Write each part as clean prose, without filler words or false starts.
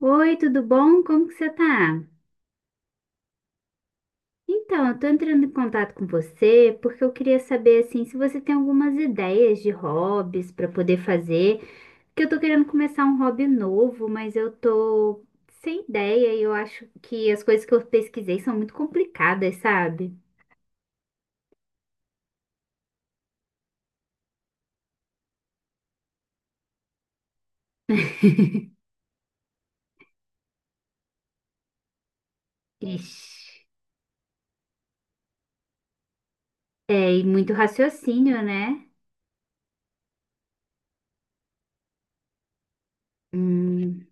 Oi, tudo bom? Como que você tá? Então, eu tô entrando em contato com você porque eu queria saber assim se você tem algumas ideias de hobbies para poder fazer, porque eu tô querendo começar um hobby novo, mas eu tô sem ideia e eu acho que as coisas que eu pesquisei são muito complicadas, sabe? Ixi. É, e muito raciocínio, né? Hum.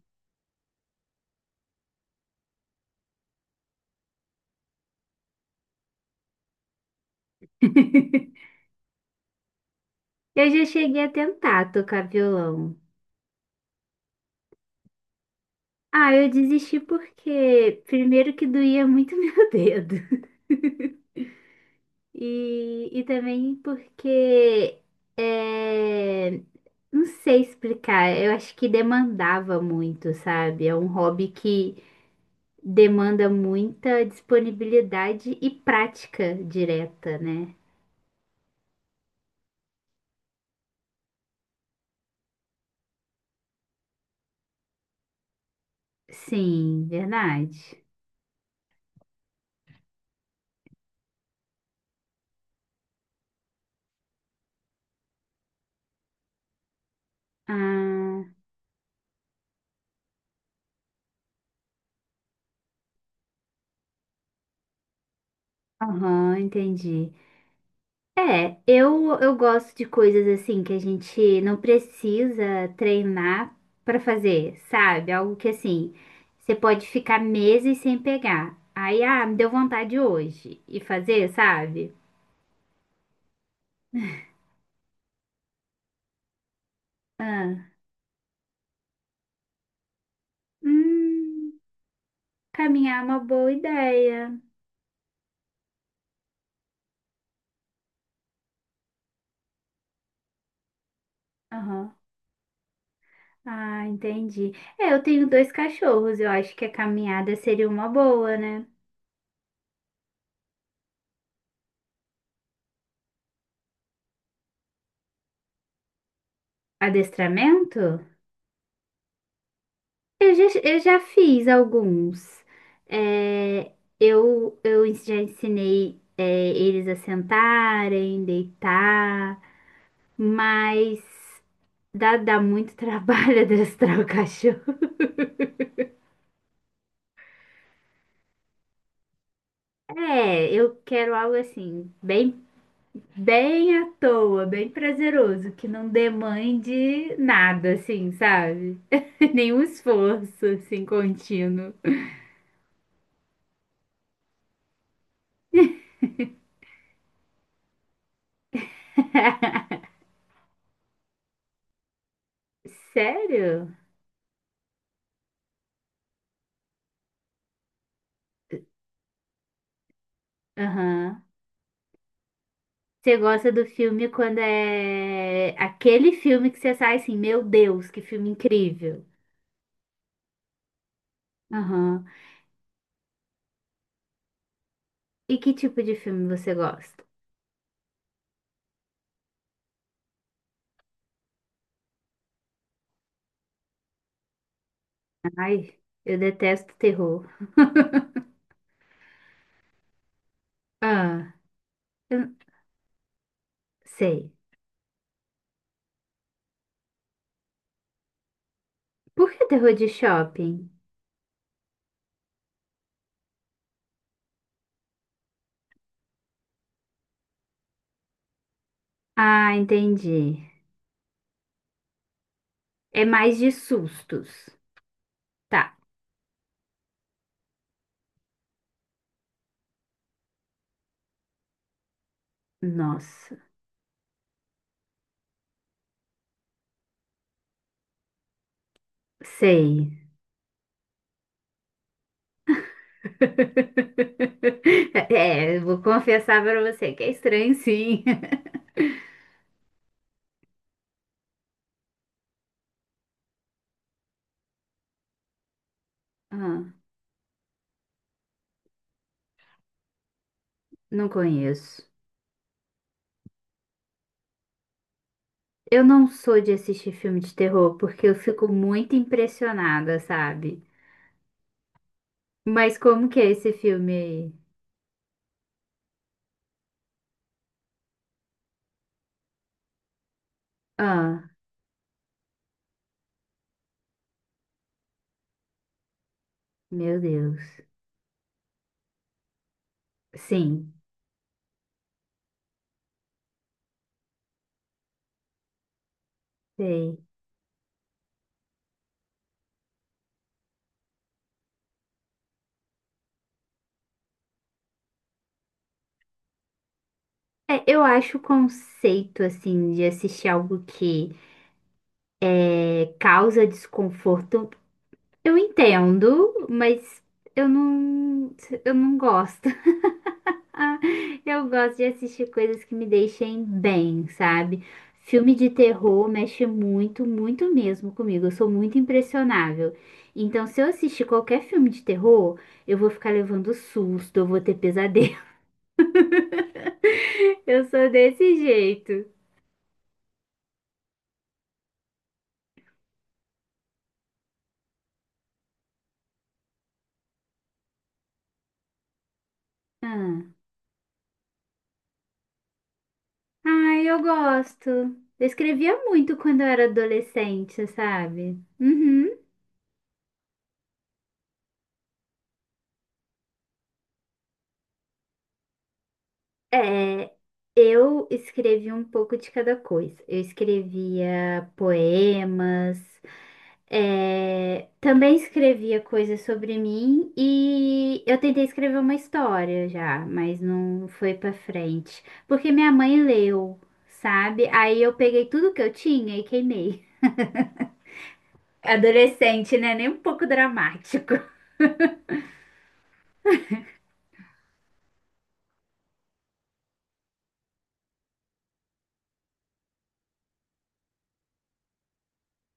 Eu já cheguei a tentar tocar violão. Ah, eu desisti porque primeiro que doía muito meu dedo. E também porque, é, não sei explicar, eu acho que demandava muito, sabe? É um hobby que demanda muita disponibilidade e prática direta, né? Sim, verdade. Ah, aham, entendi. É, eu gosto de coisas assim que a gente não precisa treinar pra fazer, sabe? Algo que assim, você pode ficar meses sem pegar. Aí, ah, me deu vontade hoje e fazer, sabe? Ah, hum, caminhar é uma boa ideia. Aham. Ah, entendi. É, eu tenho dois cachorros, eu acho que a caminhada seria uma boa, né? Adestramento? Eu já fiz alguns. É, já ensinei, é, eles a sentarem, deitar, mas dá muito trabalho adestrar o cachorro. É, eu quero algo assim, bem, bem à toa, bem prazeroso, que não demande nada, assim, sabe? Nenhum esforço, assim, contínuo. Sério? Aham. Você gosta do filme quando é aquele filme que você sai assim, meu Deus, que filme incrível. Aham. E que tipo de filme você gosta? Ai, eu detesto terror. Ah, eu sei. Por que terror de shopping? Ah, entendi. É mais de sustos. Tá. Nossa, sei. É, eu vou confessar pra você que é estranho, sim. Ah, não conheço. Eu não sou de assistir filme de terror porque eu fico muito impressionada, sabe? Mas como que é esse filme aí? Ah, meu Deus. Sim, sei. É, eu acho o conceito, assim, de assistir algo que causa desconforto, eu entendo, mas eu não, eu não gosto. Ah, eu gosto de assistir coisas que me deixem bem, sabe? Filme de terror mexe muito, muito mesmo comigo. Eu sou muito impressionável. Então, se eu assistir qualquer filme de terror, eu vou ficar levando susto, eu vou ter pesadelo. Eu sou desse jeito. Ah. Ai, eu gosto. Eu escrevia muito quando eu era adolescente, sabe? Uhum. É, eu escrevi um pouco de cada coisa. Eu escrevia poemas, é, também escrevia coisas sobre mim e eu tentei escrever uma história já, mas não foi pra frente, porque minha mãe leu, sabe? Aí eu peguei tudo que eu tinha e queimei. Adolescente, né? Nem um pouco dramático.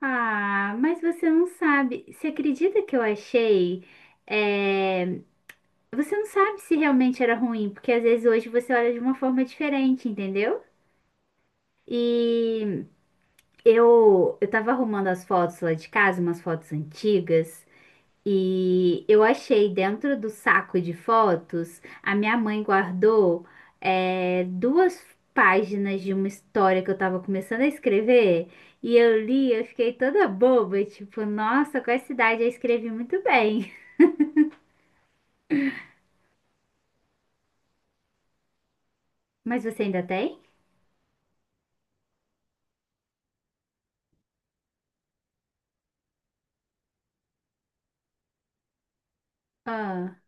Ah, mas você não sabe. Você acredita que eu achei? É, você não sabe se realmente era ruim, porque às vezes hoje você olha de uma forma diferente, entendeu? E eu tava arrumando as fotos lá de casa, umas fotos antigas, e eu achei dentro do saco de fotos, a minha mãe guardou, é, duas páginas de uma história que eu tava começando a escrever, e eu li, eu fiquei toda boba, tipo, nossa, com essa idade eu escrevi muito bem. Mas você ainda tem? Ah,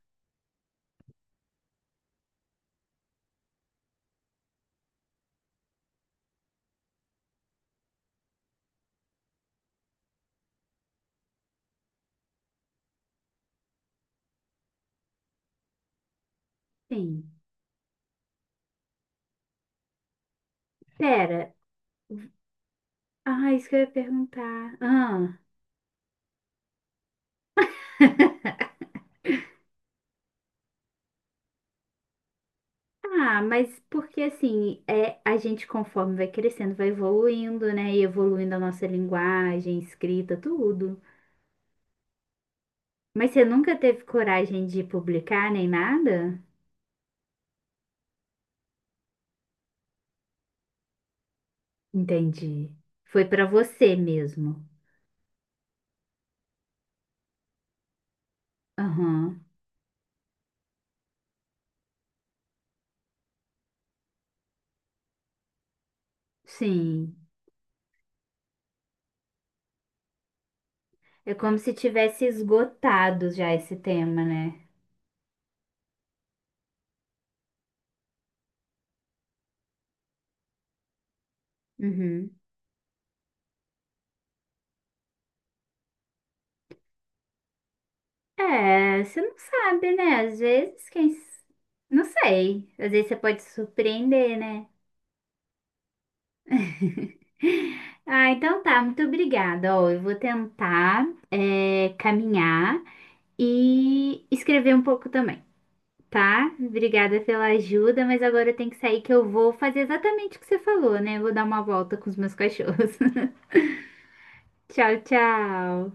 sim. Pera, ah, isso que eu ia perguntar. Ah. Ah, mas porque assim, é, a gente conforme vai crescendo, vai evoluindo, né? E evoluindo a nossa linguagem, escrita, tudo. Mas você nunca teve coragem de publicar nem nada? Entendi. Foi pra você mesmo. Aham. Sim. É como se tivesse esgotado já esse tema, né? Uhum. É, você não sabe, né? Às vezes, quem. S- não sei. Às vezes você pode se surpreender, né? Ah, então tá, muito obrigada. Ó, eu vou tentar, é, caminhar e escrever um pouco também, tá? Obrigada pela ajuda, mas agora eu tenho que sair que eu vou fazer exatamente o que você falou, né? Vou dar uma volta com os meus cachorros. Tchau, tchau.